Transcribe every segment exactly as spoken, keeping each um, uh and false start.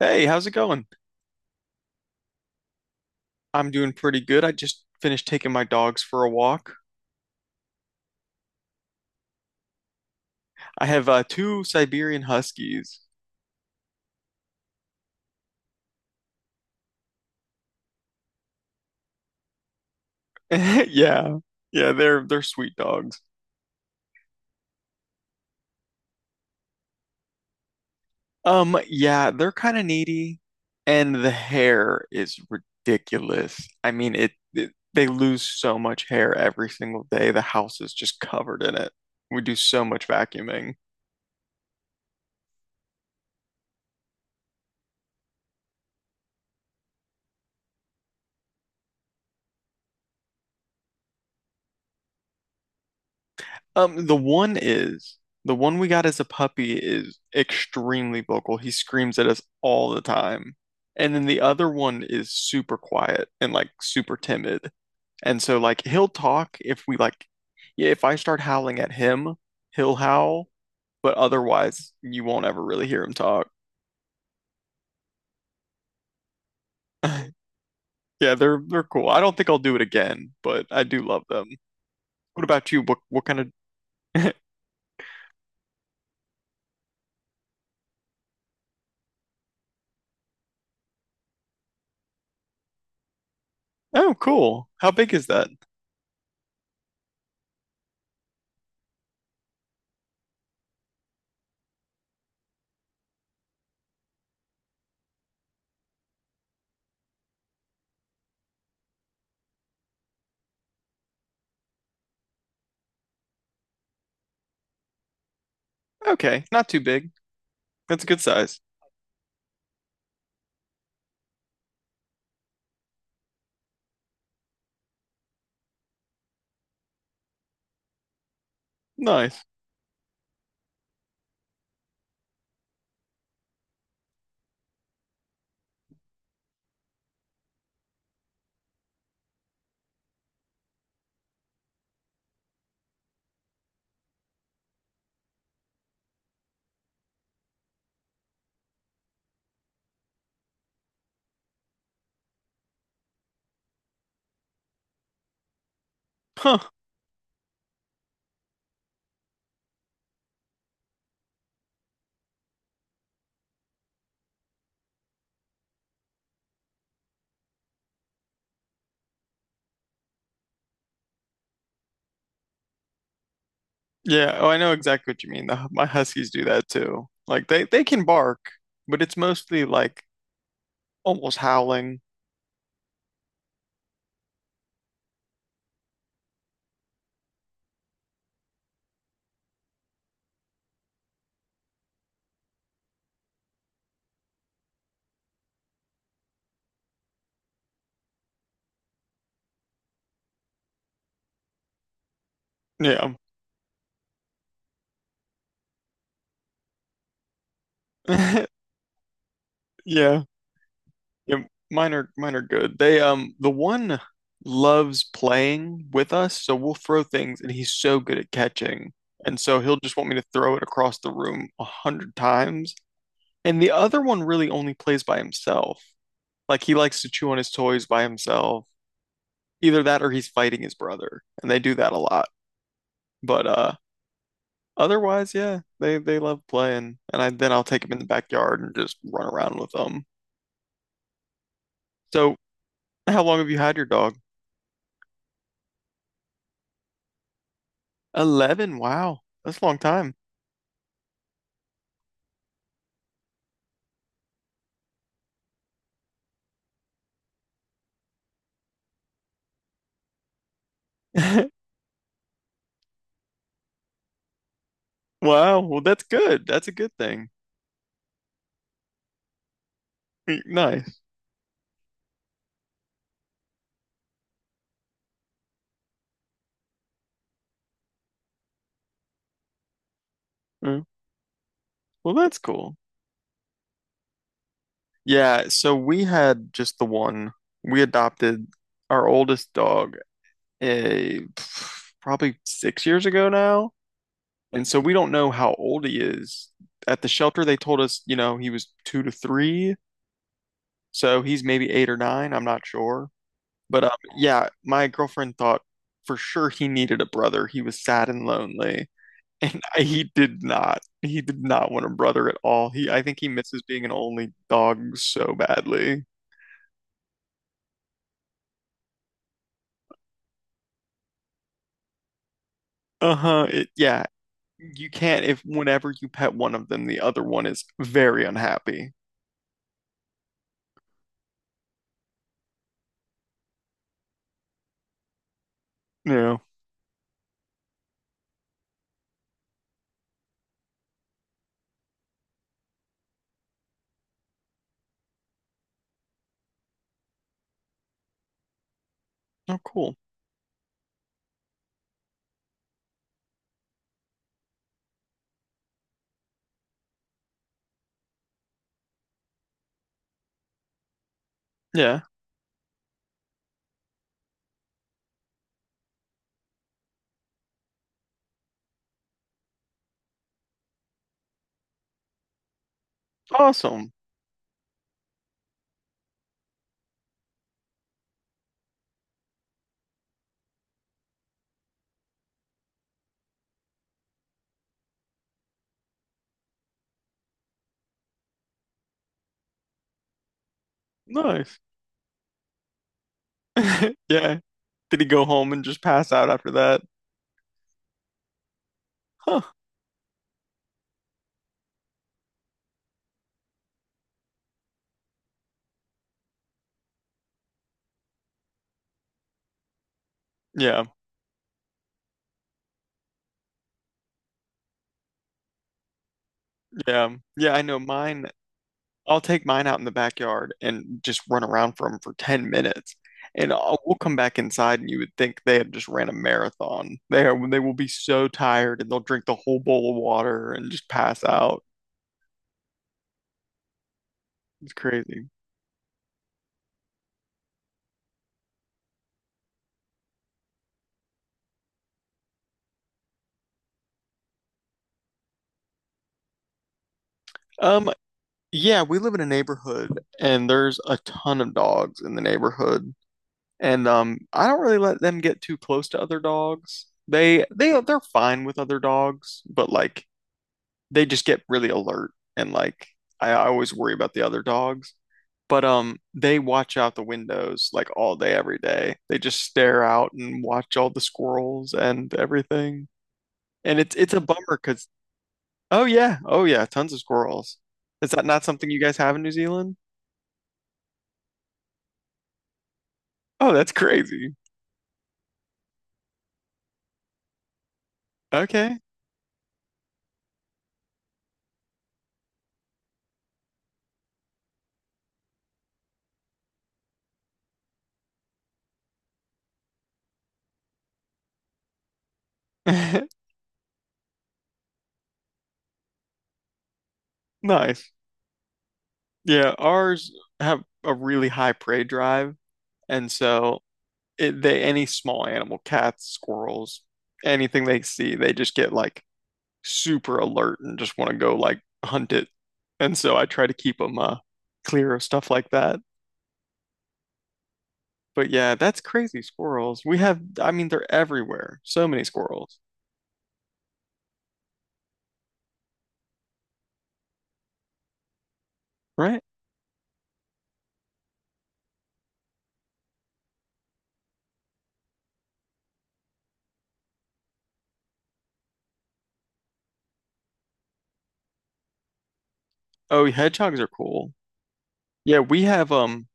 Hey, how's it going? I'm doing pretty good. I just finished taking my dogs for a walk. I have uh, two Siberian Huskies. Yeah. Yeah, they're they're sweet dogs. Um, yeah, they're kind of needy, and the hair is ridiculous. I mean, it, it they lose so much hair every single day. The house is just covered in it. We do so much vacuuming. Um, the one is the one we got as a puppy is extremely vocal. He screams at us all the time. And then the other one is super quiet and like super timid. And so like he'll talk if we like, yeah, if I start howling at him, he'll howl, but otherwise you won't ever really hear him talk. Yeah, they're they're cool. I don't think I'll do it again, but I do love them. What about you? What what kind of Oh, cool. How big is that? Okay, not too big. That's a good size. Nice. Huh. Yeah. Oh, I know exactly what you mean. The, my huskies do that too. Like they they can bark, but it's mostly like almost howling. Yeah. Yeah. Yeah. Mine are mine are good. They um the one loves playing with us, so we'll throw things and he's so good at catching. And so he'll just want me to throw it across the room a hundred times. And the other one really only plays by himself. Like he likes to chew on his toys by himself, either that or he's fighting his brother, and they do that a lot. But uh, otherwise, yeah, they they love playing, and I then I'll take him in the backyard and just run around with them. So, how long have you had your dog? eleven. Wow. That's a long time. Wow. Well, that's good. That's a good thing. Nice. Yeah. Well, that's cool. Yeah, so we had just the one. We adopted our oldest dog a probably six years ago now. And so we don't know how old he is. At the shelter, they told us, you know, he was two to three. So he's maybe eight or nine. I'm not sure. But um, yeah, my girlfriend thought for sure he needed a brother. He was sad and lonely. And I, he did not. He did not want a brother at all. He, I think he misses being an only dog so badly. Uh-huh. It, yeah. You can't, if whenever you pet one of them, the other one is very unhappy. Yeah. Oh, cool. Yeah. Awesome. Nice. Yeah. Did he go home and just pass out after that? Huh. Yeah. Yeah. Yeah, I know mine. I'll take mine out in the backyard and just run around for him for ten minutes. And I'll, we'll come back inside and you would think they have just ran a marathon. They are, they will be so tired, and they'll drink the whole bowl of water and just pass out. It's crazy. Um, yeah, we live in a neighborhood and there's a ton of dogs in the neighborhood. And um, I don't really let them get too close to other dogs. They they they're fine with other dogs, but like they just get really alert and like I, I always worry about the other dogs. But um, they watch out the windows like all day every day. They just stare out and watch all the squirrels and everything. And it's it's a bummer because, oh yeah, oh yeah, tons of squirrels. Is that not something you guys have in New Zealand? Oh, that's crazy. Okay. Nice. Yeah, ours have a really high prey drive, and so it, they any small animal, cats, squirrels, anything they see, they just get like super alert and just want to go like hunt it. And so I try to keep them uh clear of stuff like that. But yeah, that's crazy squirrels. We have, I mean, they're everywhere. So many squirrels, right? Oh, hedgehogs are cool. Yeah, we have um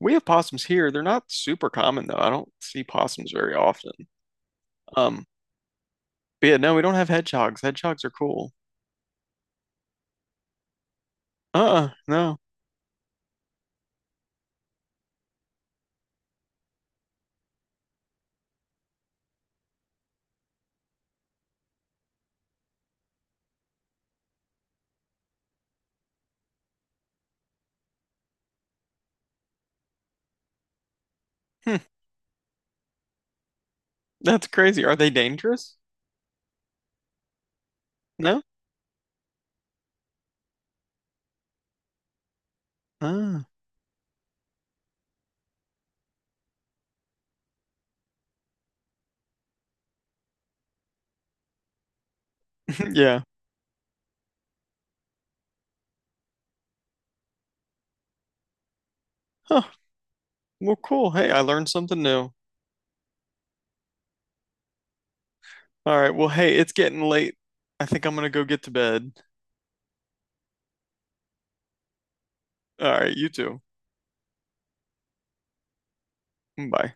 we have possums here. They're not super common though. I don't see possums very often. Um But yeah, no, we don't have hedgehogs. Hedgehogs are cool. Uh-uh, no. Hmm, that's crazy. Are they dangerous? No? Ah, yeah. Huh. Well, cool. Hey, I learned something new. All right. Well, hey, it's getting late. I think I'm gonna go get to bed. All right, you too. Bye.